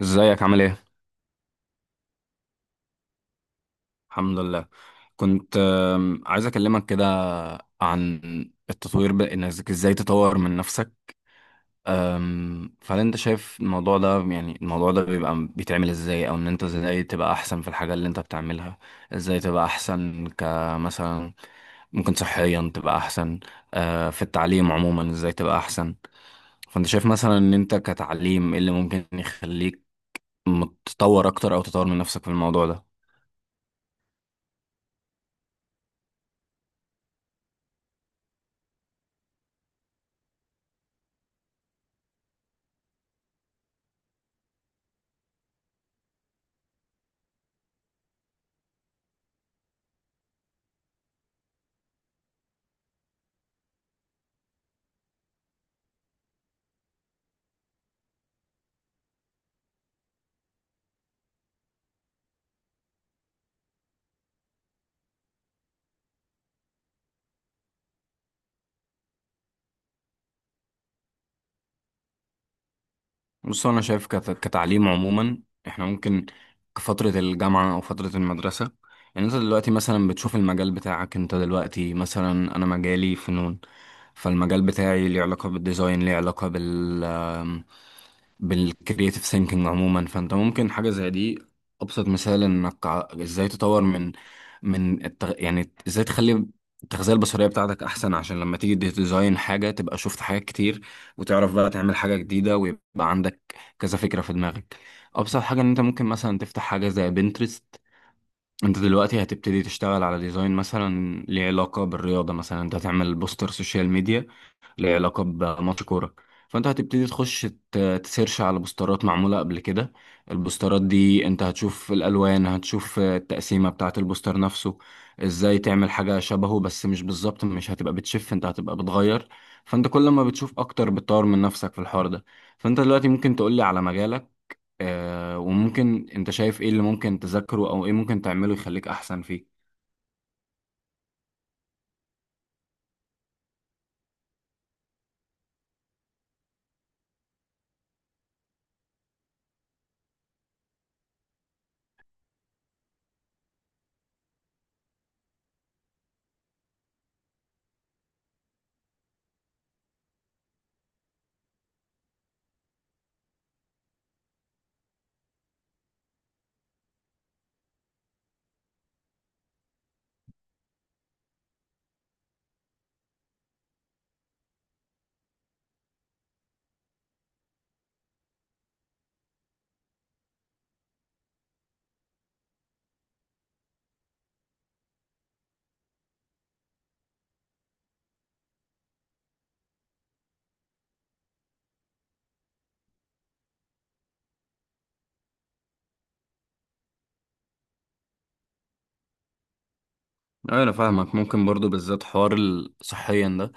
ازيك عامل ايه؟ الحمد لله. كنت عايز اكلمك كده عن التطوير، انك ازاي تطور من نفسك. فهل انت شايف الموضوع ده، يعني الموضوع ده بيبقى بيتعمل ازاي، او ان انت ازاي تبقى احسن في الحاجة اللي انت بتعملها؟ ازاي تبقى احسن؟ كمثلا ممكن صحيا تبقى احسن. في التعليم عموما، ازاي تبقى احسن؟ فانت شايف مثلا ان انت كتعليم ايه اللي ممكن يخليك متطور اكتر، او تطور من نفسك في الموضوع ده؟ بص، انا شايف كتعليم عموما احنا ممكن كفترة الجامعة او فترة المدرسة، يعني انت دلوقتي مثلا بتشوف المجال بتاعك. انت دلوقتي مثلا، انا مجالي فنون، فالمجال بتاعي ليه علاقة بالديزاين، ليه علاقة بالكرياتيف ثينكينج عموما. فانت ممكن حاجة زي دي. ابسط مثال انك ازاي تطور من يعني ازاي تخلي التغذية البصرية بتاعتك احسن، عشان لما تيجي تديزاين حاجة تبقى شفت حاجات كتير، وتعرف بقى تعمل حاجة جديدة، ويبقى عندك كذا فكرة في دماغك. أبسط حاجة إن أنت ممكن مثلا تفتح حاجة زي بنترست. أنت دلوقتي هتبتدي تشتغل على ديزاين مثلا ليه علاقة بالرياضة، مثلا أنت هتعمل بوستر سوشيال ميديا ليه علاقة بماتش كورة، فأنت هتبتدي تخش تسيرش على بوسترات معمولة قبل كده. البوسترات دي أنت هتشوف الألوان، هتشوف التقسيمة بتاعة البوستر نفسه، إزاي تعمل حاجة شبهه، بس مش بالظبط، مش هتبقى بتشف، أنت هتبقى بتغير. فأنت كل ما بتشوف أكتر بتطور من نفسك في الحوار ده. فأنت دلوقتي ممكن تقولي على مجالك، وممكن انت شايف ايه اللي ممكن تذاكره، او ايه ممكن تعمله يخليك احسن فيه؟ أيوة، انا فاهمك. ممكن برضو بالذات حوار صحيا ده،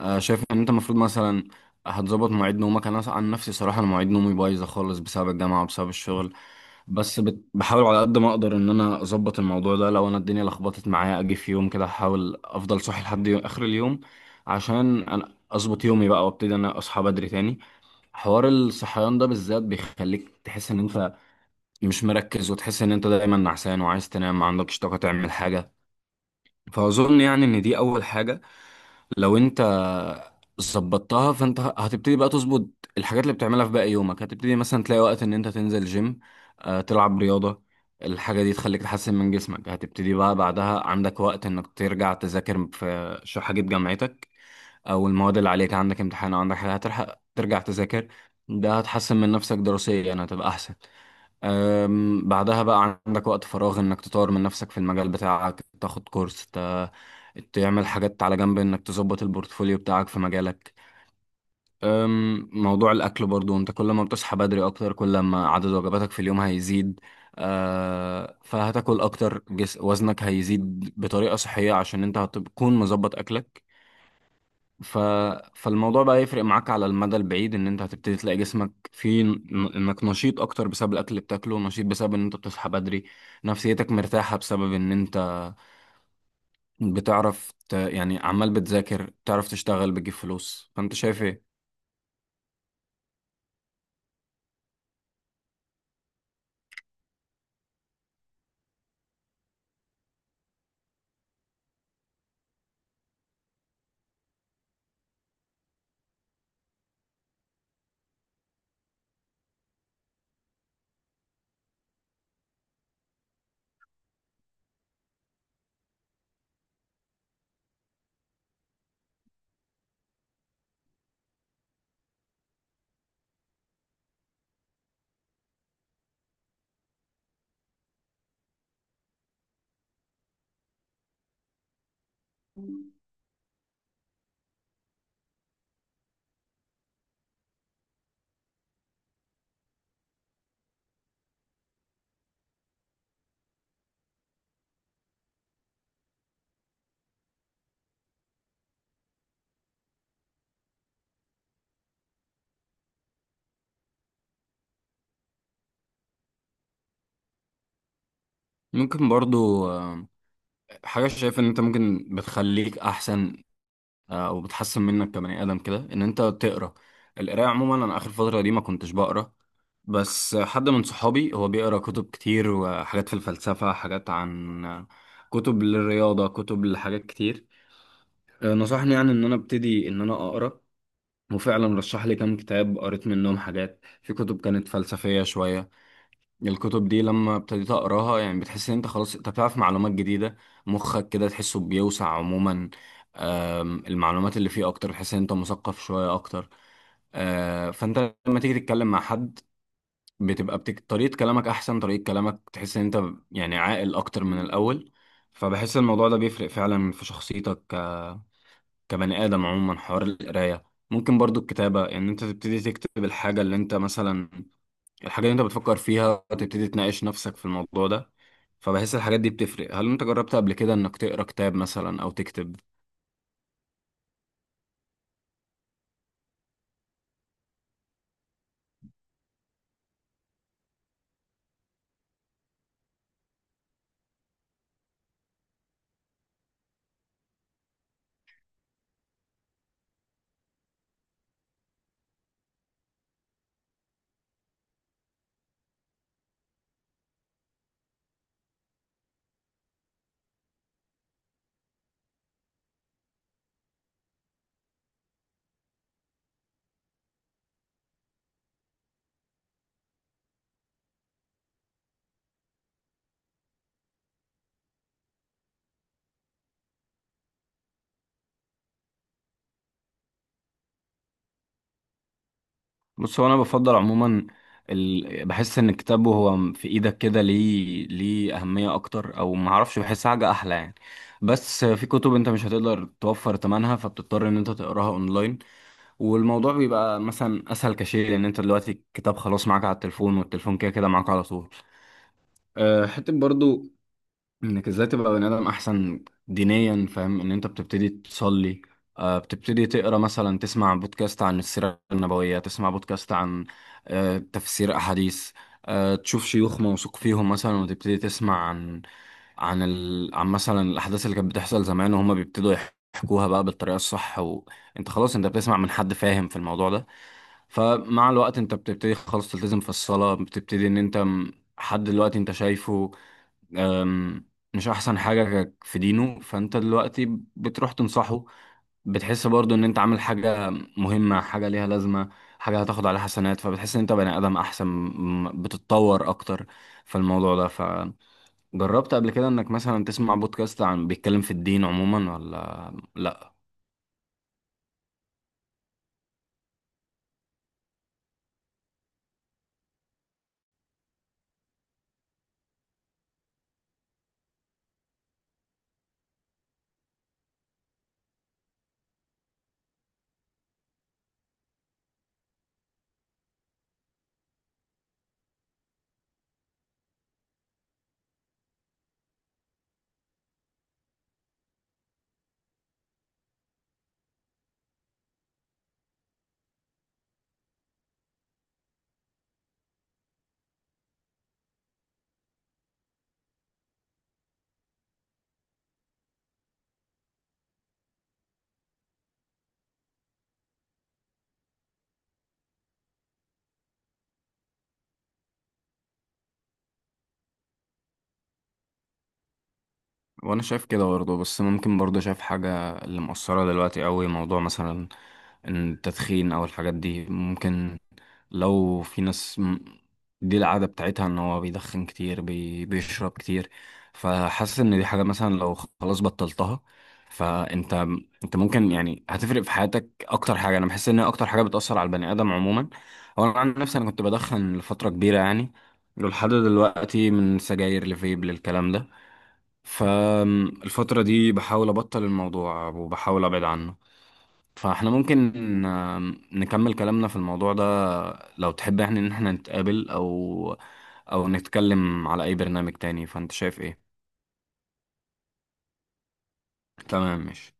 شايف ان انت المفروض مثلا هتظبط مواعيد نومك. انا عن نفسي، صراحة، انا مواعيد نومي بايظة خالص بسبب الجامعة وبسبب الشغل، بس بحاول على قد ما اقدر ان انا اظبط الموضوع ده. لو انا الدنيا لخبطت معايا، اجي في يوم كده احاول افضل صاحي لحد اخر اليوم، عشان انا اظبط يومي بقى، وابتدي انا اصحى بدري تاني. حوار الصحيان ده بالذات بيخليك تحس ان انت مش مركز، وتحس ان انت دايما نعسان وعايز تنام، ما عندكش طاقة تعمل حاجة. فاظن يعني ان دي اول حاجة. لو انت ظبطتها، فانت هتبتدي بقى تظبط الحاجات اللي بتعملها في باقي يومك. هتبتدي مثلا تلاقي وقت ان انت تنزل جيم، تلعب رياضة. الحاجة دي تخليك تحسن من جسمك. هتبتدي بقى بعدها عندك وقت انك ترجع تذاكر في حاجة جامعتك، او المواد اللي عليك عندك امتحان، او عندك حاجة هتلحق ترجع تذاكر. ده هتحسن من نفسك دراسيا، يعني هتبقى احسن. بعدها بقى عندك وقت فراغ انك تطور من نفسك في المجال بتاعك، تاخد كورس، تعمل حاجات على جنب، انك تظبط البورتفوليو بتاعك في مجالك. موضوع الاكل برضو، انت كل ما بتصحى بدري اكتر، كل ما عدد وجباتك في اليوم هيزيد. فهتاكل اكتر، جس وزنك هيزيد بطريقة صحية، عشان انت هتكون مظبط اكلك. ف... فالموضوع بقى يفرق معاك على المدى البعيد، ان انت هتبتدي تلاقي جسمك فيه انك نشيط اكتر بسبب الاكل اللي بتاكله، نشيط بسبب ان انت بتصحى بدري، نفسيتك مرتاحة بسبب ان انت بتعرف يعني عمال بتذاكر، بتعرف تشتغل، بتجيب فلوس. فانت شايف ايه؟ ممكن برضو حاجة شايف ان انت ممكن بتخليك احسن، وبتحسن منك كبني ادم كده، ان انت تقرا. القرايه عموما، انا اخر فتره دي ما كنتش بقرا، بس حد من صحابي هو بيقرا كتب كتير، وحاجات في الفلسفه، حاجات عن كتب للرياضه، كتب لحاجات كتير. نصحني يعني ان انا ابتدي ان انا اقرا، وفعلا رشح لي كام كتاب. قريت منهم حاجات، في كتب كانت فلسفيه شويه. الكتب دي لما ابتديت اقراها يعني بتحس ان انت خلاص انت بتعرف معلومات جديده، مخك كده تحسه بيوسع عموما. المعلومات اللي فيه اكتر، تحس ان انت مثقف شويه اكتر. فانت لما تيجي تتكلم مع حد، بتبقى طريقه كلامك احسن، طريقه كلامك تحس ان انت يعني عاقل اكتر من الاول. فبحس الموضوع ده بيفرق فعلا في شخصيتك كبني ادم عموما، حوار القرايه. ممكن برضو الكتابه، ان يعني انت تبتدي تكتب الحاجه اللي انت مثلا، الحاجات اللي انت بتفكر فيها، وتبتدي تناقش نفسك في الموضوع ده. فبحس الحاجات دي بتفرق. هل انت جربت قبل كده انك تقرا كتاب مثلا او تكتب؟ بص، هو انا بفضل عموما بحس ان الكتاب وهو في ايدك كده ليه اهميه اكتر، او ما اعرفش، بحس حاجه احلى يعني. بس في كتب انت مش هتقدر توفر ثمنها، فبتضطر ان انت تقراها اونلاين، والموضوع بيبقى مثلا اسهل كشيء، لان انت دلوقتي الكتاب خلاص معاك على التليفون، والتليفون كده كده معاك على طول. حتة برضو انك ازاي تبقى بني ادم احسن دينيا. فاهم ان انت بتبتدي تصلي، بتبتدي تقرا مثلا، تسمع بودكاست عن السيره النبويه، تسمع بودكاست عن تفسير احاديث، تشوف شيوخ موثوق فيهم مثلا، وتبتدي تسمع عن مثلا الاحداث اللي كانت بتحصل زمان، وهم بيبتدوا يحكوها بقى بالطريقه الصح. وانت خلاص انت بتسمع من حد فاهم في الموضوع ده. فمع الوقت انت بتبتدي خلاص تلتزم في الصلاه، بتبتدي ان انت حد دلوقتي انت شايفه أم، مش احسن حاجة في دينه، فانت دلوقتي بتروح تنصحه. بتحس برضو ان انت عامل حاجة مهمة، حاجة ليها لازمة، حاجة هتاخد عليها حسنات، فبتحس ان انت بني ادم احسن، بتتطور اكتر في الموضوع ده. فجربت قبل كده انك مثلا تسمع بودكاست عن بيتكلم في الدين عموما، ولا لا؟ وانا شايف كده برضو، بس ممكن برضو شايف حاجة اللي مؤثرة دلوقتي قوي، موضوع مثلا التدخين او الحاجات دي. ممكن لو في ناس دي العادة بتاعتها ان هو بيدخن كتير، بيشرب كتير، فحاسس ان دي حاجة مثلا لو خلاص بطلتها، فانت ممكن يعني هتفرق في حياتك اكتر حاجة. انا بحس ان هي اكتر حاجة بتأثر على البني ادم عموما. هو انا عن نفسي انا كنت بدخن لفترة كبيرة يعني، ولحد دلوقتي، من سجاير لفيب للكلام ده. فالفترة دي بحاول ابطل الموضوع، وبحاول ابعد عنه. فاحنا ممكن نكمل كلامنا في الموضوع ده لو تحب، يعني ان احنا نتقابل، او نتكلم على اي برنامج تاني. فانت شايف ايه؟ تمام، ماشي.